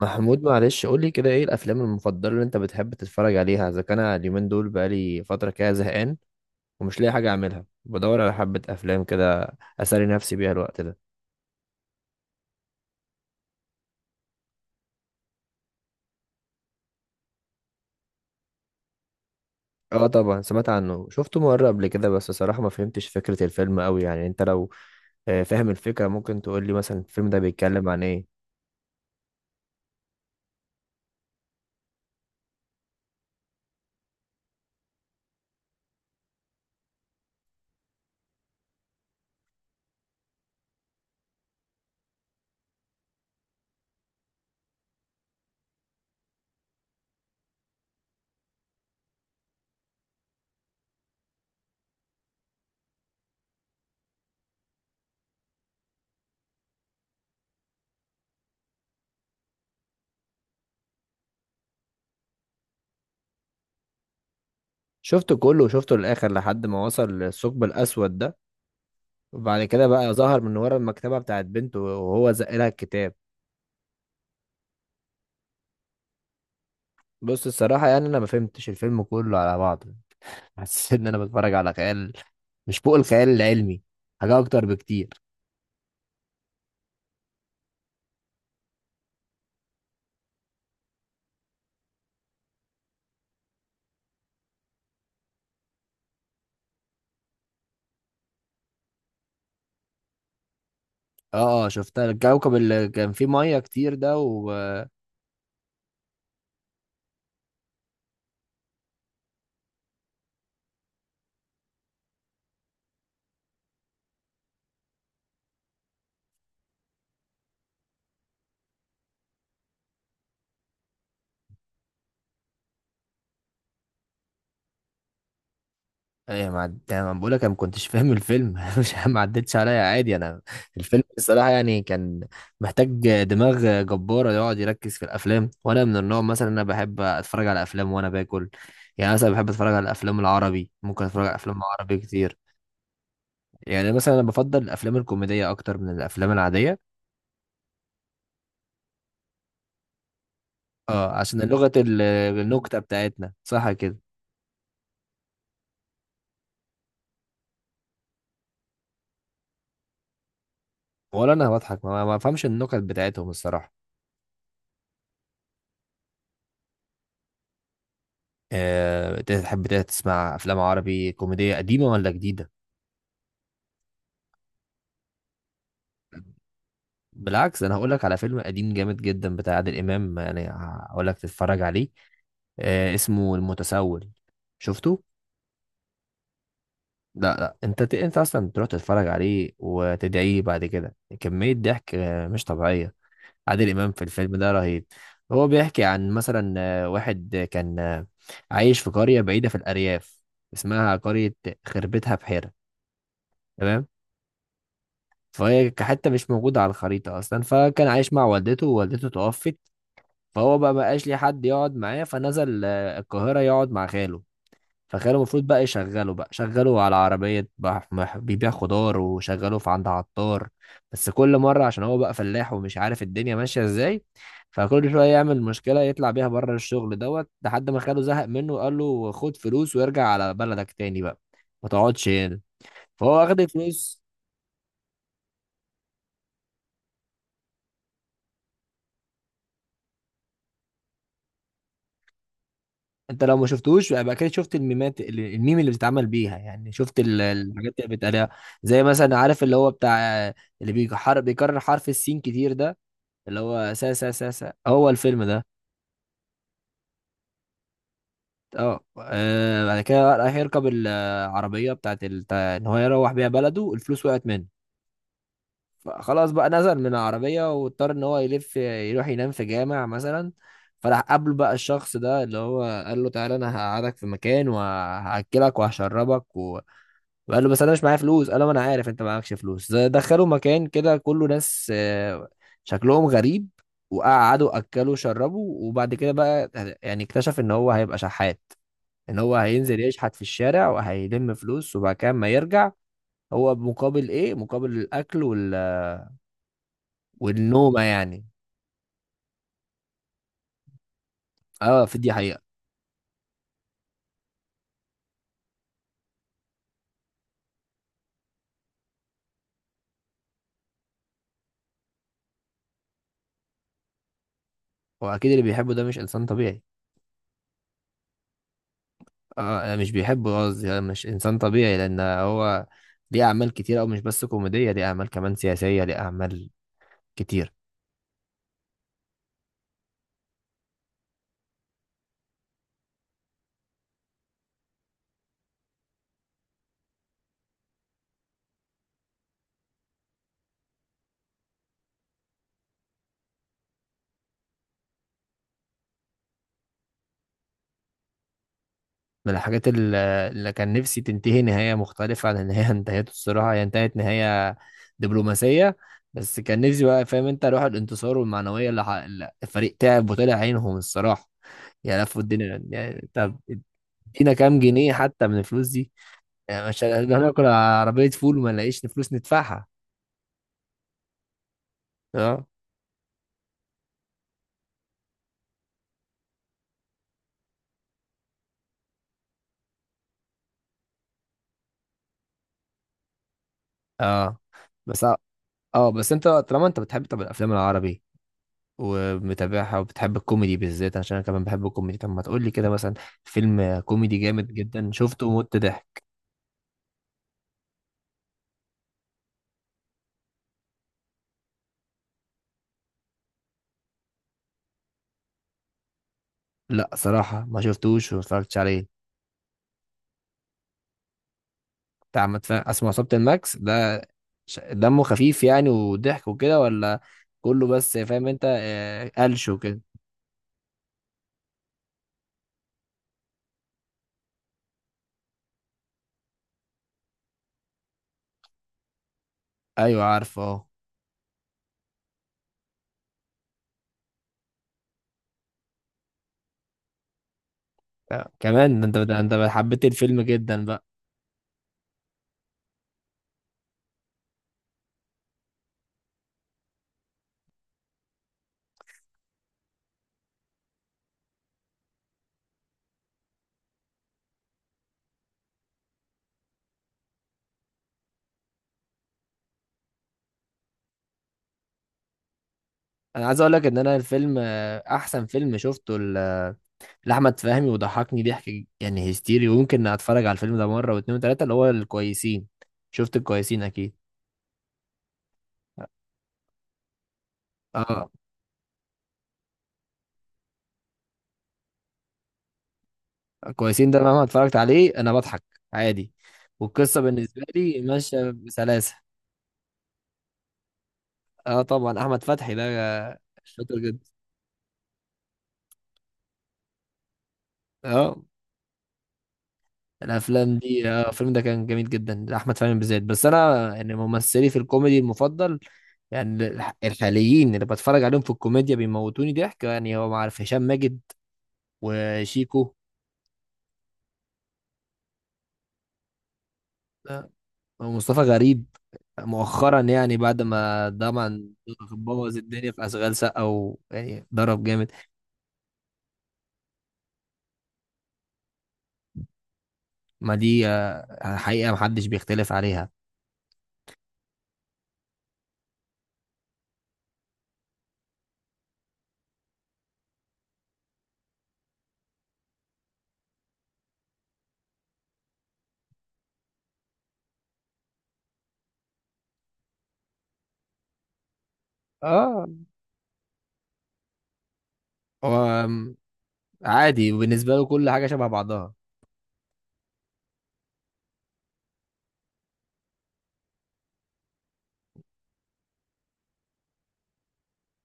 محمود معلش قول لي كده، ايه الافلام المفضله اللي انت بتحب تتفرج عليها؟ اذا كان اليومين دول بقالي فتره كده زهقان ومش لاقي حاجه اعملها، بدور على حبه افلام كده اسالي نفسي بيها الوقت ده. اه طبعا سمعت عنه، شفته مره قبل كده بس صراحه ما فهمتش فكره الفيلم قوي. يعني انت لو فاهم الفكره ممكن تقول لي مثلا الفيلم ده بيتكلم عن ايه؟ شفته كله وشفته للاخر لحد ما وصل للثقب الاسود ده، وبعد كده بقى ظهر من ورا المكتبه بتاعت بنته وهو زق لها الكتاب. بص الصراحه يعني انا ما فهمتش الفيلم كله على بعضه. حسيت ان انا بتفرج على خيال، مش فوق الخيال العلمي، حاجه اكتر بكتير. اه اه، شفتها الكوكب اللي كان فيه ميه كتير ده، و ايه ما بقول لك انا ما كنتش فاهم الفيلم، مش ما عدتش عليا عادي. انا الفيلم الصراحه يعني كان محتاج دماغ جباره يقعد يركز في الافلام، وانا من النوع مثلا انا بحب اتفرج على افلام وانا باكل. يعني مثلا بحب اتفرج على الافلام العربي، ممكن اتفرج على افلام عربي كتير. يعني مثلا انا بفضل الافلام الكوميديه اكتر من الافلام العاديه. اه عشان النكتة بتاعتنا، صح كده؟ ولا انا بضحك، ما بفهمش النكت بتاعتهم الصراحة. أه، تحب تسمع افلام عربي كوميدية قديمة ولا جديدة؟ بالعكس انا هقول لك على فيلم قديم جامد جدا بتاع عادل امام، يعني هقول لك تتفرج عليه. أه اسمه المتسول، شفته؟ لا لا انت انت اصلا تروح تتفرج عليه وتدعيه بعد كده، كمية ضحك مش طبيعية. عادل إمام في الفيلم ده رهيب. هو بيحكي عن مثلا واحد كان عايش في قرية بعيدة في الأرياف، اسمها قرية خربتها بحيرة، تمام. فهي حتة مش موجودة على الخريطة أصلا، فكان عايش مع والدته ووالدته توفت. فهو بقى مبقاش ليه حد يقعد معاه، فنزل القاهرة يقعد مع خاله. فكانوا المفروض بقى يشغلوا بقى شغلوا على عربية بيبيع خضار، وشغلوه في عند عطار. بس كل مرة عشان هو بقى فلاح ومش عارف الدنيا ماشية ازاي، فكل شوية يعمل مشكلة يطلع بيها بره الشغل دوت، لحد ما خاله زهق منه وقال له خد فلوس وارجع على بلدك تاني بقى، ما تقعدش هنا. فهو واخد الفلوس. انت لو ما شفتوش يبقى كده شفت الميم اللي بتتعمل بيها، يعني شفت الحاجات اللي بتقالها. زي مثلا عارف اللي هو بتاع اللي بيكرر حرف السين كتير ده، اللي هو سا سا سا سا، هو الفيلم ده. اه بعد كده راح يركب العربية بتاع ان هو يروح بيها بلده، الفلوس وقعت منه. فخلاص بقى نزل من العربية واضطر ان هو يلف يروح ينام في جامع مثلا. فراح قابله بقى الشخص ده اللي هو قال له تعالى انا هقعدك في مكان وهاكلك وهشربك. قال له بس انا مش معايا فلوس، قال له ما انا عارف انت معاكش فلوس. دخلوا مكان كده كله ناس شكلهم غريب، وقعدوا اكلوا وشربوا وبعد كده بقى يعني اكتشف ان هو هيبقى شحات، ان هو هينزل يشحت في الشارع وهيلم فلوس وبعد كده اما يرجع. هو مقابل ايه؟ مقابل الاكل وال والنومة يعني. اه في دي حقيقة. واكيد اللي بيحبه ده مش انسان طبيعي. اه مش بيحبه قصدي، مش انسان طبيعي لان هو ليه اعمال كتير، او مش بس كوميدية، ليه اعمال كمان سياسية، ليه اعمال كتير. من اللي كان نفسي تنتهي نهاية مختلفة عن اللي هي انتهت، الصراحة هي انتهت نهاية دبلوماسية. بس كان نفسي بقى، فاهم انت، روح الانتصار والمعنوية اللي الفريق تعب وطلع عينهم الصراحة، يا لفوا الدنيا يعني. طب ادينا كام جنيه حتى من الفلوس دي. يعني مش هناكل عربية فول وما نلاقيش فلوس ندفعها. اه اه، بس اه، بس انت طالما انت بتحب طب الافلام العربي ومتابعها وبتحب الكوميدي بالذات، عشان انا كمان بحب الكوميدي، طب ما تقول لي كده مثلا فيلم كوميدي جامد جدا شفته ومت ضحك. لا صراحة ما شفتوش وما اتفرجتش عليه. بتاع احمد فهمي اسمه عصابة الماكس ده، دمه خفيف يعني وضحك وكده، ولا كله بس فاهم انت قلش وكده؟ ايوه عارفه اه. كمان ده انت، ده انت حبيت الفيلم جدا بقى. انا عايز اقول لك ان انا الفيلم احسن فيلم شفته لأحمد فهمي، وضحكني ضحك يعني هستيري، ويمكن اتفرج على الفيلم ده مرة واتنين وتلاتة. اللي هو الكويسين، شفت الكويسين اكيد. اه الكويسين ده مهما اتفرجت عليه انا بضحك عادي، والقصة بالنسبة لي ماشية بسلاسة. اه طبعا احمد فتحي ده شاطر جدا. اه الافلام دي، اه الفيلم ده كان جميل جدا، احمد فهمي بالذات. بس انا يعني ممثلي في الكوميدي المفضل، يعني الحاليين اللي بتفرج عليهم في الكوميديا بيموتوني ضحك، يعني هو عارف هشام ماجد وشيكو. آه، هو مصطفى غريب مؤخرا، يعني بعد ما طبعا بوظ الدنيا في اشغال شقه ويعني ضرب جامد. ما دي حقيقه محدش بيختلف عليها. اه هو عادي وبالنسبه له كل حاجه شبه بعضها.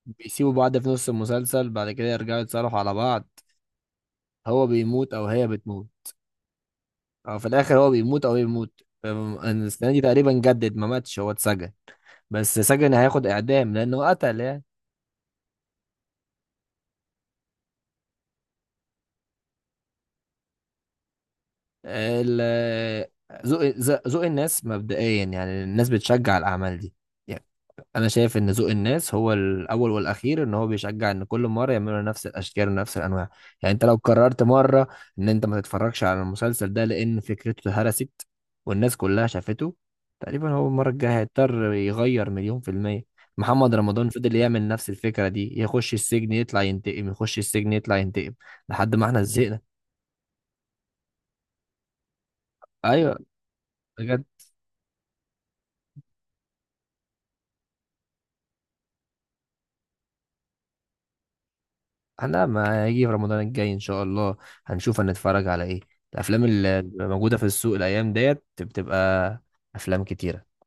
بيسيبوا بعض في نص المسلسل بعد كده يرجعوا يتصالحوا على بعض. هو بيموت او هي بتموت، او في الاخر هو بيموت او هي بتموت. السنه دي تقريبا جدد ما ماتش، هو اتسجن، بس سجن هياخد اعدام لانه قتل يعني. ال- ذوق ذوق الناس مبدئيا، يعني الناس بتشجع الأعمال دي. يعني أنا شايف إن ذوق الناس هو الأول والأخير، إن هو بيشجع إن كل مرة يعملوا نفس الأشكال ونفس الأنواع. يعني أنت لو قررت مرة إن أنت ما تتفرجش على المسلسل ده لأن فكرته هرست والناس كلها شافته، تقريبا هو المرة الجاية هيضطر يغير 100%. محمد رمضان فضل يعمل نفس الفكرة دي، يخش السجن يطلع ينتقم، يخش السجن يطلع ينتقم، لحد ما احنا زهقنا. أيوه بجد. لا ما هيجي في رمضان الجاي ان شاء الله، هنشوف هنتفرج على ايه. الافلام اللي موجوده في السوق الايام ديت بتبقى افلام كتيره.